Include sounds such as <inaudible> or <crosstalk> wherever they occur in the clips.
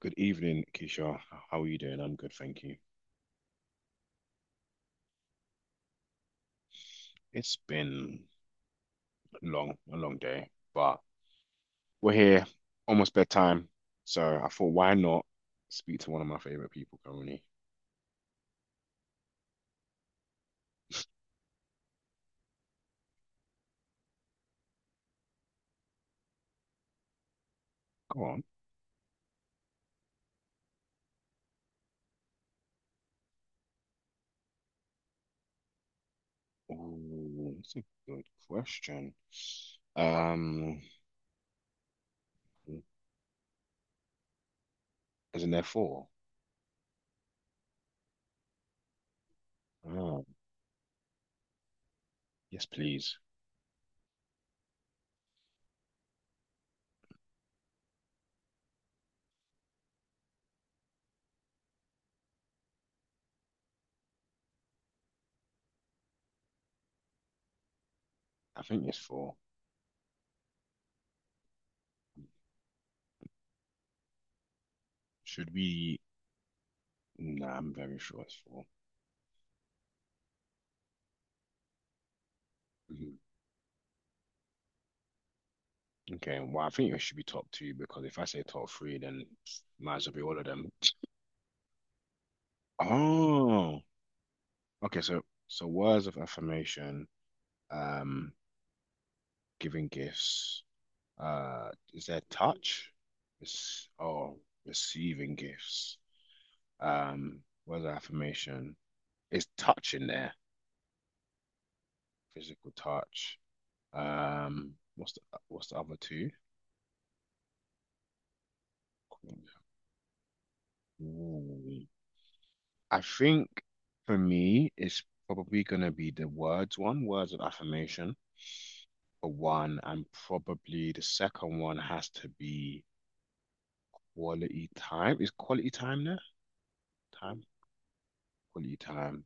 Good evening, Keisha. How are you doing? I'm good, thank you. It's been a long day, but we're here, almost bedtime. So I thought, why not speak to one of my favorite people currently? Go on. Oh, that's a good question. Um, isn't there four? Oh, yes, please. I think it's four. Should we? Nah, I'm very sure it's four. Mhm. Okay, well, I think it should be top two because if I say top three, then might as well be all of them. Oh. Okay, so words of affirmation, um, giving gifts, uh, is there touch? It's oh, receiving gifts. Um, words of affirmation. Is touch in there? Physical touch. Um, what's the what's the other two? Ooh. I think for me, it's probably gonna be the words one, words of affirmation for one, and probably the second one has to be quality time. Is quality time there? Time. Quality time.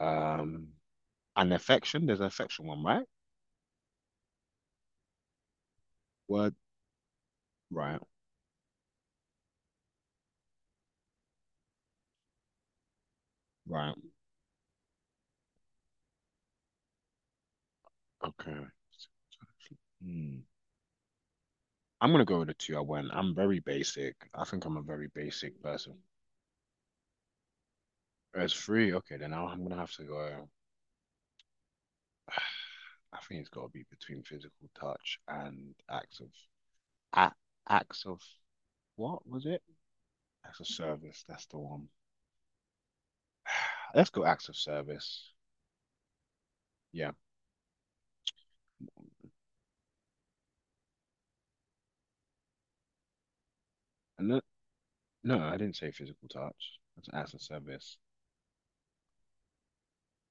Um, and affection. There's an affection one, right? Word. Right. Right. Okay. Hmm. I'm gonna go with the two I went. I'm very basic. I think I'm a very basic person. There's three. Okay, then I'm gonna have to go. I think it's got to be between physical touch and a, acts of what was it? Acts of service. That's the one. <sighs> Let's go acts of service. Yeah. And No, I didn't say physical touch. That's as a service.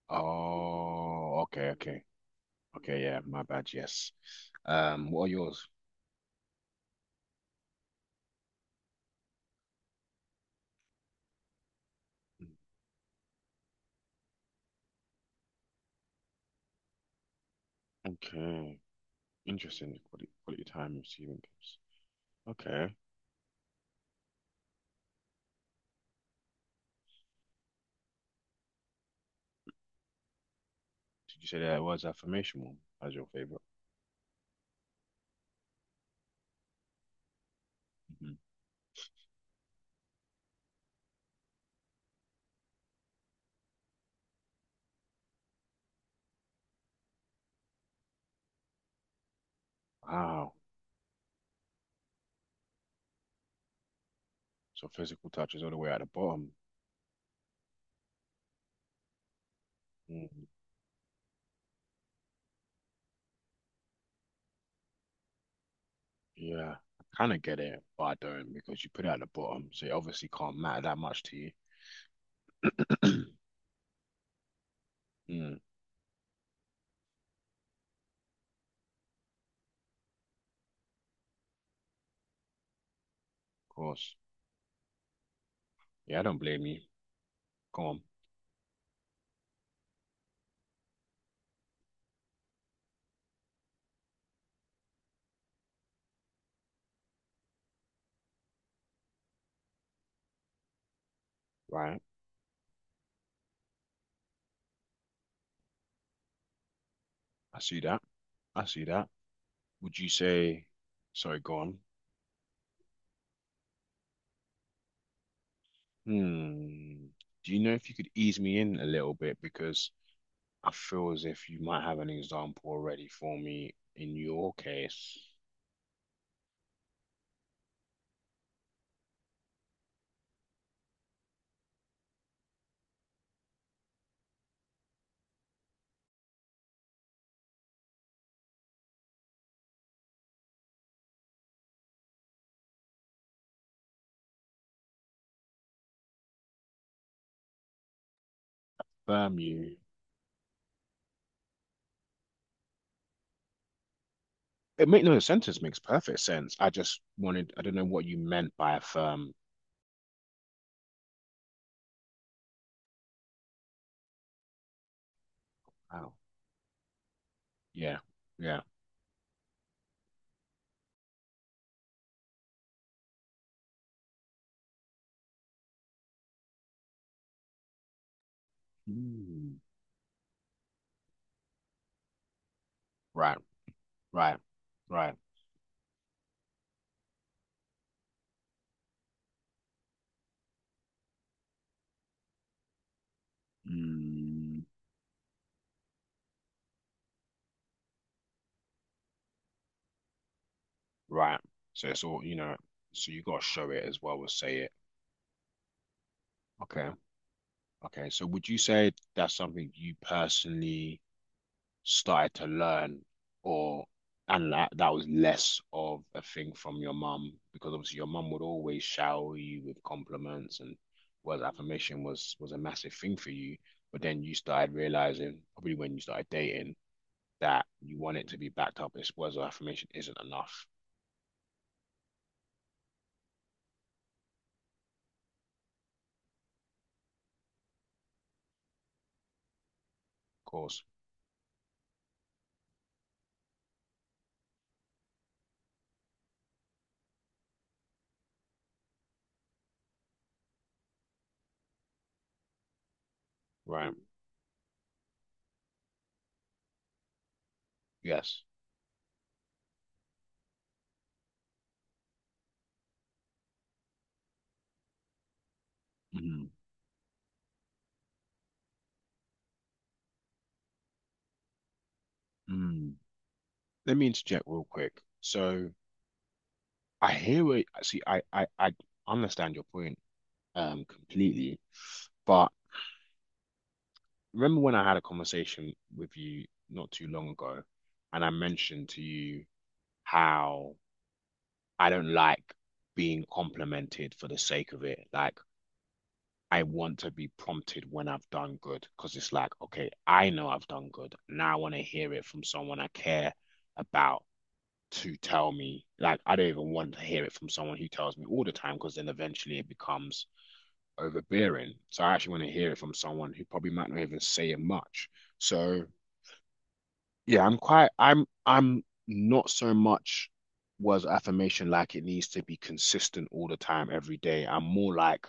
Oh, okay, okay. Okay, yeah, my bad, yes. What are yours? Mm, okay. Interesting. Quality time receiving gifts. Okay. Did you say that was affirmational as your favorite? Hmm. Wow. So physical touch is all the way at the bottom. Mm, yeah. I kind of get it, but I don't because you put it at the bottom. So it obviously can't matter that much to you. <clears throat> Mm, of course. Yeah, I don't blame you. Go on. Right. I see that. I see that. Would you say, sorry, go on. Hmm. Do you know if you could ease me in a little bit? Because I feel as if you might have an example already for me in your case. Firm you. It make no sentence makes perfect sense. I don't know what you meant by a firm. Oh, yeah, yeah. Hmm. Right, right, right. Hmm. Right. So it's all, so you got to show it as well as say it. Okay. Okay, so would you say that's something you personally started to learn or and that was less of a thing from your mum, because obviously your mum would always shower you with compliments, and word of affirmation was a massive thing for you, but then you started realizing, probably when you started dating, that you want it to be backed up. This words of affirmation isn't enough. Of course. Right. Yes. Mhm. Mm. Let me interject real quick. So I hear what see, I understand your point completely. But remember when I had a conversation with you not too long ago, and I mentioned to you how I don't like being complimented for the sake of it. Like, I want to be prompted when I've done good, because it's like, okay, I know I've done good. Now I want to hear it from someone I care about to tell me. Like, I don't even want to hear it from someone who tells me all the time, because then eventually it becomes overbearing. So I actually want to hear it from someone who probably might not even say it much. So yeah, I'm quite I'm not so much was affirmation, like it needs to be consistent all the time, every day. I'm more like,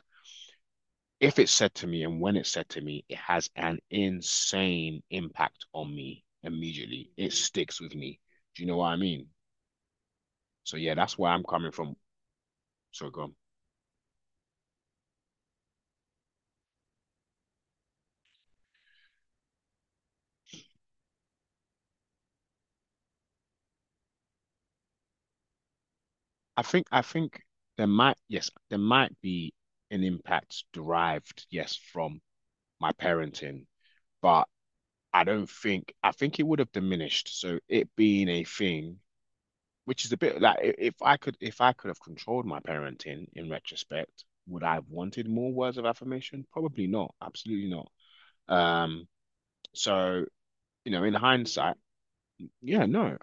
if it's said to me and when it's said to me, it has an insane impact on me immediately. It sticks with me. Do you know what I mean? So yeah, that's where I'm coming from. So go on. I think there might, yes, there might be an impact derived, yes, from my parenting, but I don't think, I think it would have diminished. So it being a thing, which is a bit like, if I could have controlled my parenting in retrospect, would I have wanted more words of affirmation? Probably not. Absolutely not. Um, so in hindsight, yeah, no,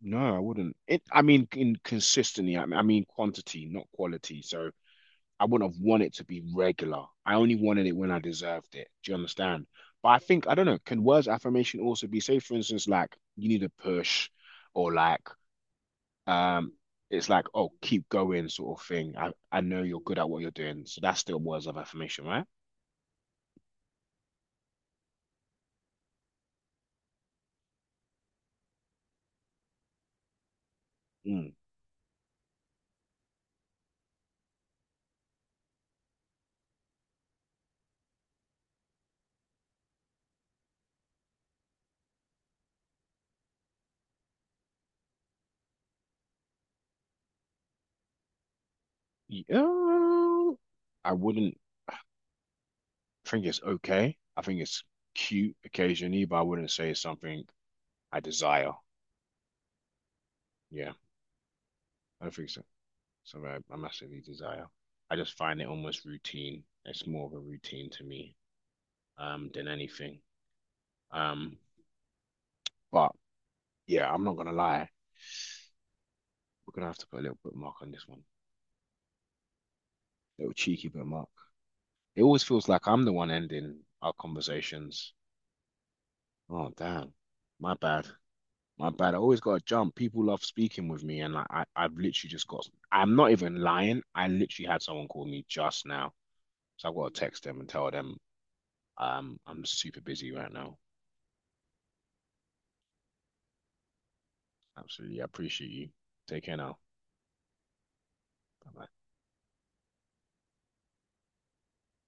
no, I wouldn't. I mean, in consistently, I mean quantity, not quality. So I wouldn't have wanted to be regular. I only wanted it when I deserved it. Do you understand? But I think, I don't know, can words of affirmation also be, say, for instance, like you need a push or like um it's like, oh, keep going sort of thing. I know you're good at what you're doing. So that's still words of affirmation, right? Mm. Yeah. I wouldn't think it's okay. I think it's cute occasionally, but I wouldn't say it's something I desire. Yeah, I don't think so. Something I massively desire. I just find it almost routine. It's more of a routine to me than anything. Um, but yeah, I'm not gonna lie. We're gonna have to put a little bookmark on this one. A little cheeky bookmark. It always feels like I'm the one ending our conversations. Oh damn. My bad. My bad. I always gotta jump. People love speaking with me, and like I've literally just got I'm not even lying. I literally had someone call me just now. So I've got to text them and tell them I'm super busy right now. Absolutely. I appreciate you. Take care now. Bye-bye.